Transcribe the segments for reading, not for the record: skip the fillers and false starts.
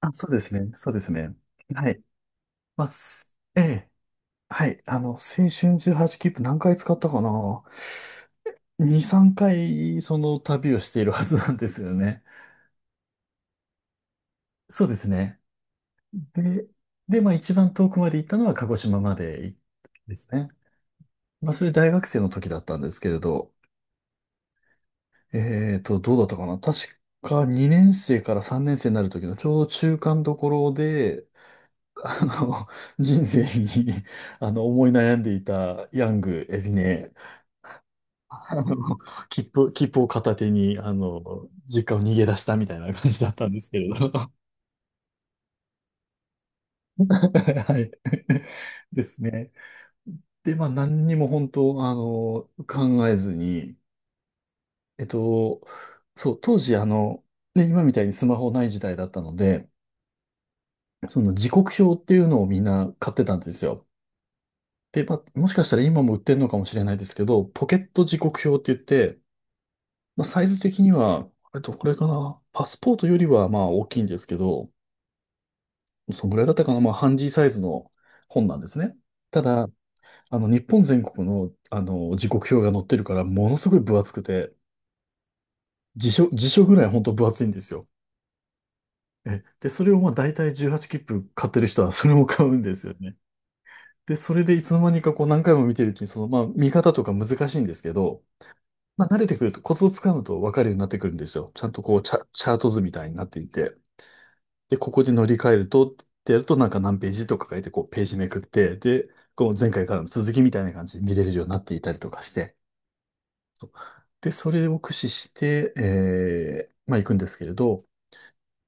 あ、そうですね。そうですね。はい。まあ、すええ。はい。青春18切符何回使ったかな 。2、3回その旅をしているはずなんですよね。そうですね。で、で、まあ一番遠くまで行ったのは鹿児島まで行ったんですね。まあそれ大学生の時だったんですけれど、どうだったかな確か2年生から3年生になる時のちょうど中間どころで、あの、人生に、思い悩んでいたヤング、エビネ、あの、切符を片手に、実家を逃げ出したみたいな感じだったんですけれど。はい。ですね。で、まあ、何にも本当、考えずに、えっと、そう、当時、ね、今みたいにスマホない時代だったので、その時刻表っていうのをみんな買ってたんですよ。で、まあ、もしかしたら今も売ってるのかもしれないですけど、ポケット時刻表って言って、まあ、サイズ的には、あれとこれかな、パスポートよりはまあ大きいんですけど、そのぐらいだったかな、まあ、ハンディサイズの本なんですね。ただ、日本全国の、時刻表が載ってるから、ものすごい分厚くて、辞書、辞書ぐらい本当分厚いんですよ。で、それをまあ大体18切符買ってる人はそれも買うんですよね。で、それでいつの間にかこう何回も見てるうちに、そのまあ見方とか難しいんですけど、まあ、慣れてくると、コツをつかむと分かるようになってくるんですよ。ちゃんとこう、チャート図みたいになっていて。で、ここで乗り換えると、ってやると、なんか何ページとか書いて、こう、ページめくって、で、こう、前回からの続きみたいな感じで見れるようになっていたりとかして。そうで、それを駆使して、まあ、行くんですけれど、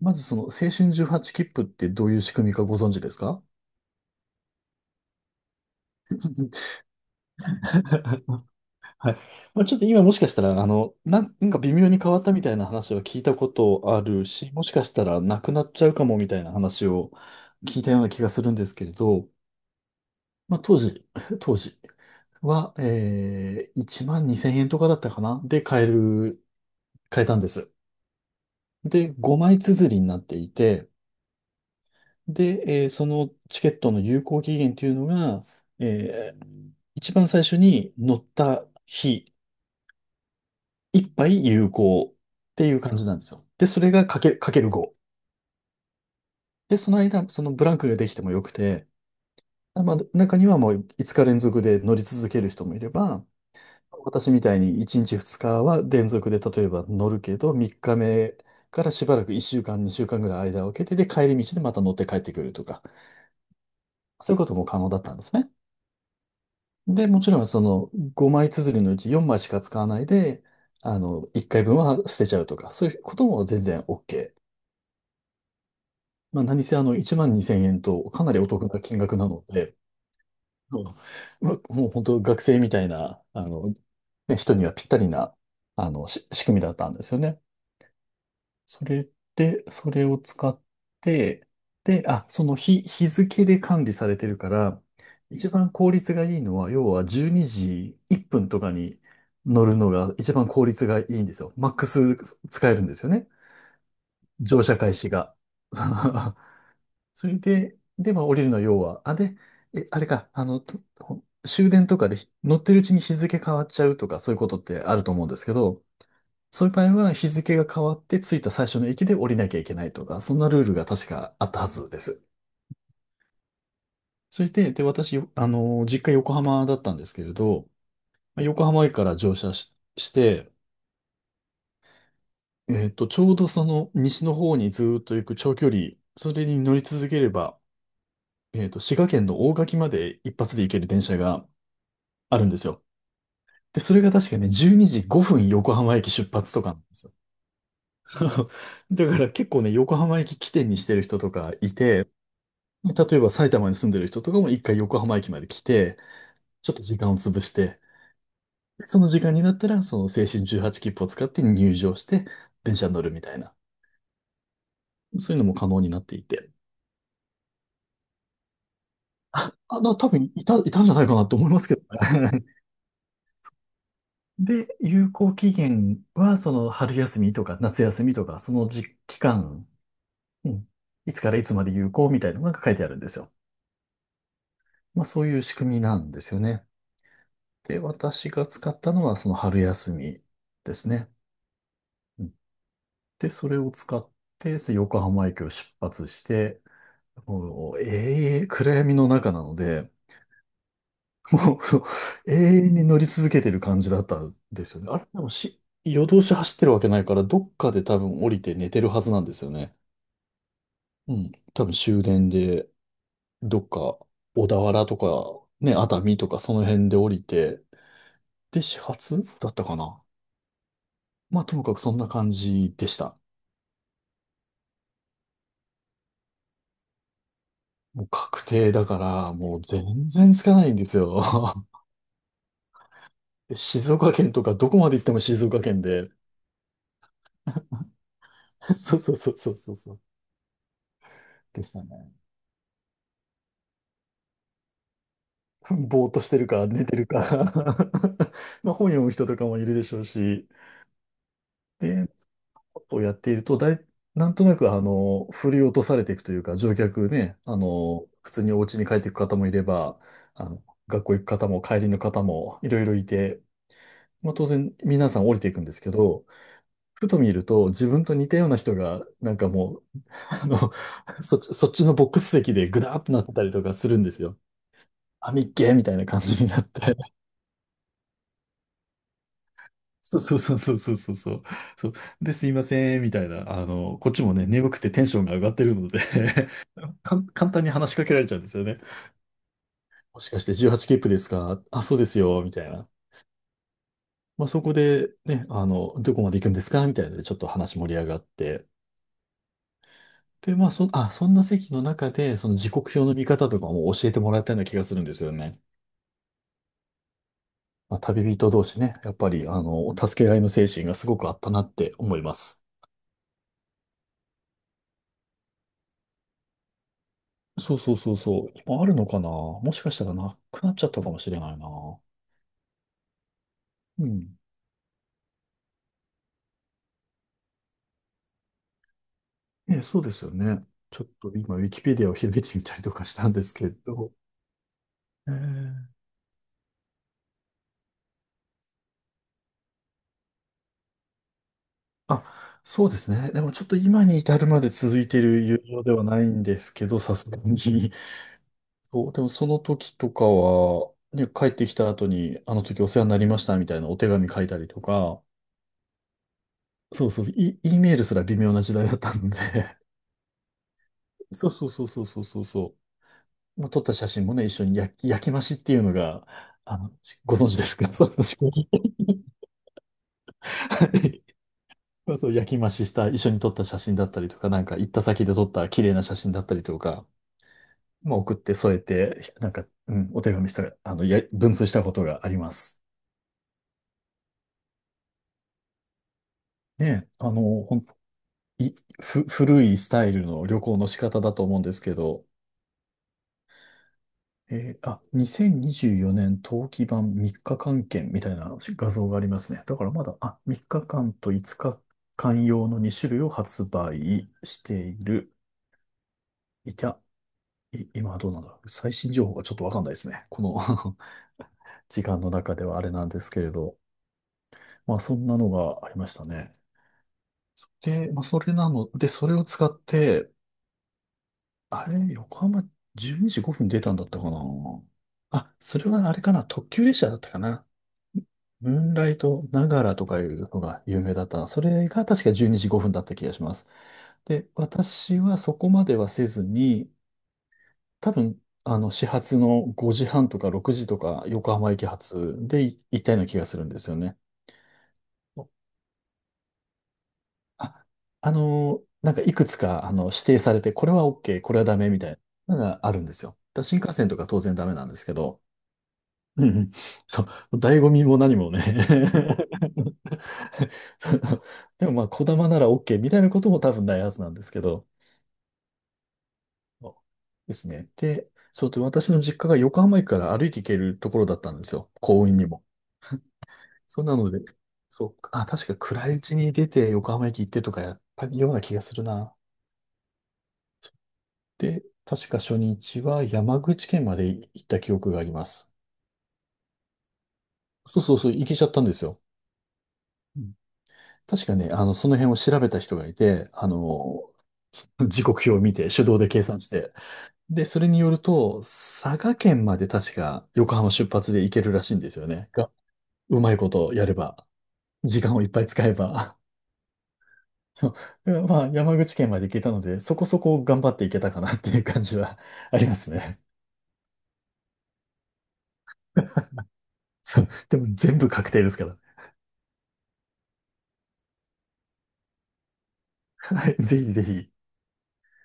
まずその、青春18切符ってどういう仕組みかご存知ですか？ はい。まあ、ちょっと今もしかしたら、なんか微妙に変わったみたいな話は聞いたことあるし、もしかしたらなくなっちゃうかもみたいな話を聞いたような気がするんですけれど、まあ、当時、当時は、1万2千円とかだったかなで買えたんです。で、5枚綴りになっていて、で、そのチケットの有効期限というのが、えー一番最初に乗った日一杯有効っていう感じなんですよ。で、それがかける5。で、その間、そのブランクができてもよくて、まあ、中にはもう5日連続で乗り続ける人もいれば、私みたいに1日2日は連続で例えば乗るけど、3日目からしばらく1週間、2週間ぐらい間を空けて、で、帰り道でまた乗って帰ってくるとか、そういうことも可能だったんですね。で、もちろんその5枚綴りのうち4枚しか使わないで、1回分は捨てちゃうとか、そういうことも全然 OK。まあ、何せ1万2千円とかなりお得な金額なので、うんまあもう本当学生みたいな、ね、人にはぴったりな、仕組みだったんですよね。それで、それを使って、で、日付で管理されてるから、一番効率がいいのは、要は12時1分とかに乗るのが一番効率がいいんですよ。マックス使えるんですよね。乗車開始が。それで、で、まあ降りるの要は、あ、で、え、あれか、あの、と終電とかで乗ってるうちに日付変わっちゃうとか、そういうことってあると思うんですけど、そういう場合は日付が変わって着いた最初の駅で降りなきゃいけないとか、そんなルールが確かあったはずです。それで、私、実家横浜だったんですけれど、まあ横浜駅から乗車して、ちょうどその西の方にずーっと行く長距離、それに乗り続ければ、滋賀県の大垣まで一発で行ける電車があるんですよ。で、それが確かね、12時5分横浜駅出発とかなんですよ。そう。だから結構ね、横浜駅起点にしてる人とかいて、例えば埼玉に住んでる人とかも一回横浜駅まで来て、ちょっと時間を潰して、その時間になったら、その青春18切符を使って入場して、電車に乗るみたいな。そういうのも可能になっていて。多分いたんじゃないかなと思いますけどね。で、有効期限は、その春休みとか夏休みとか、その時期間。うん。いつからいつまで有効みたいなのが書いてあるんですよ。まあそういう仕組みなんですよね。で、私が使ったのはその春休みですね。うんで、それを使ってその横浜駅を出発して、もう永遠、暗闇の中なので、もうそう永遠に乗り続けてる感じだったんですよね。あれ、でもし、夜通し走ってるわけないから、どっかで多分降りて寝てるはずなんですよね。うん。多分終電でどっか、小田原とか、ね、熱海とかその辺で降りて、で、始発だったかな。まあ、ともかくそんな感じでした。もう確定だから、もう全然つかないんですよ。で静岡県とか、どこまで行っても静岡県で。そうそうそうそうそうそう。でしたね。ぼーっとしてるか、寝てるか。 まあ、本読む人とかもいるでしょうし。で、をやっていると、なんとなく、振り落とされていくというか、乗客ね、普通にお家に帰っていく方もいれば、あの、学校行く方も帰りの方もいろいろいて、まあ、当然皆さん降りていくんですけど、ふと見ると自分と似たような人が、なんかもう、あの、そっちのボックス席でグダーっとなったりとかするんですよ。あ、みっけーみたいな感じになって。そうそうそうそうそうそうそう。そうで、すいません、みたいな。こっちもね、眠くてテンションが上がってるので 簡単に話しかけられちゃうんですよね。もしかして18切符ですか？あ、そうですよ、みたいな。まあ、そこでね、どこまで行くんですかみたいなので、ちょっと話盛り上がって。で、まあ、そんな席の中で、その時刻表の見方とかも教えてもらったような気がするんですよね。まあ、旅人同士ね、やっぱり、助け合いの精神がすごくあったなって思います。そうそうそうそう。今あるのかな。もしかしたらなくなっちゃったかもしれないな。うん。ね、そうですよね。ちょっと今、ウィキペディアを開いてみたりとかしたんですけれど。えーあ、そうですね。でもちょっと今に至るまで続いている友情ではないんですけど、さすがに。そう、でもその時とかは、ね、帰ってきた後に、あの時お世話になりましたみたいなお手紙書いたりとか、そうそう、E メールすら微妙な時代だったので、そうそうそうそうそうそうそう。の撮った写真もね、一緒に焼き増しっていうのが、ご存知ですか？ そう、私ご存知。はい。まあ、 そう、焼き増しした、一緒に撮った写真だったりとか、なんか行った先で撮った綺麗な写真だったりとか、まあ送って添えて、なんか、うん、お手紙した、文通したことがあります。ねえ、あの、ほん、い、ふ、古いスタイルの旅行の仕方だと思うんですけど、2024年冬季版3日間券みたいな画像がありますね。だからまだ、3日間と5日間用の2種類を発売している。いた、い、今はどうなんだろう。最新情報がちょっとわかんないですね。この 時間の中ではあれなんですけれど。まあそんなのがありましたね。で、まあそれなので、それを使って、あれ、横浜12時5分出たんだったかな。あ、それはあれかな。特急列車だったかな。ムーンライトながらとかいうのが有名だったな。それが確か12時5分だった気がします。で、私はそこまではせずに、多分、あの、始発の5時半とか6時とか横浜駅発で行ったような気がするんですよね。あ、なんかいくつか、あの、指定されて、これは OK、これはダメみたいなのがあるんですよ。だから新幹線とか当然ダメなんですけど、うんうん、そう、醍醐味も何もね。そのでもまあ、こだまなら OK みたいなことも多分ないはずなんですけど、そうですね。で、そうで、私の実家が横浜駅から歩いて行けるところだったんですよ。公園にも。そうなので、そう、確か暗いうちに出て横浜駅行ってとかやったような気がするな。で、確か初日は山口県まで行った記憶があります。そうそうそう、行けちゃったんですよ。うん、確かね、あの、その辺を調べた人がいて、あの、時刻表を見て、手動で計算して、で、それによると、佐賀県まで確か横浜出発で行けるらしいんですよね。が、うまいことやれば、時間をいっぱい使えば。そうまあ、山口県まで行けたので、そこそこ頑張って行けたかなっていう感じはありますね。そう。でも全部確定ですから。はい。ぜひぜひ。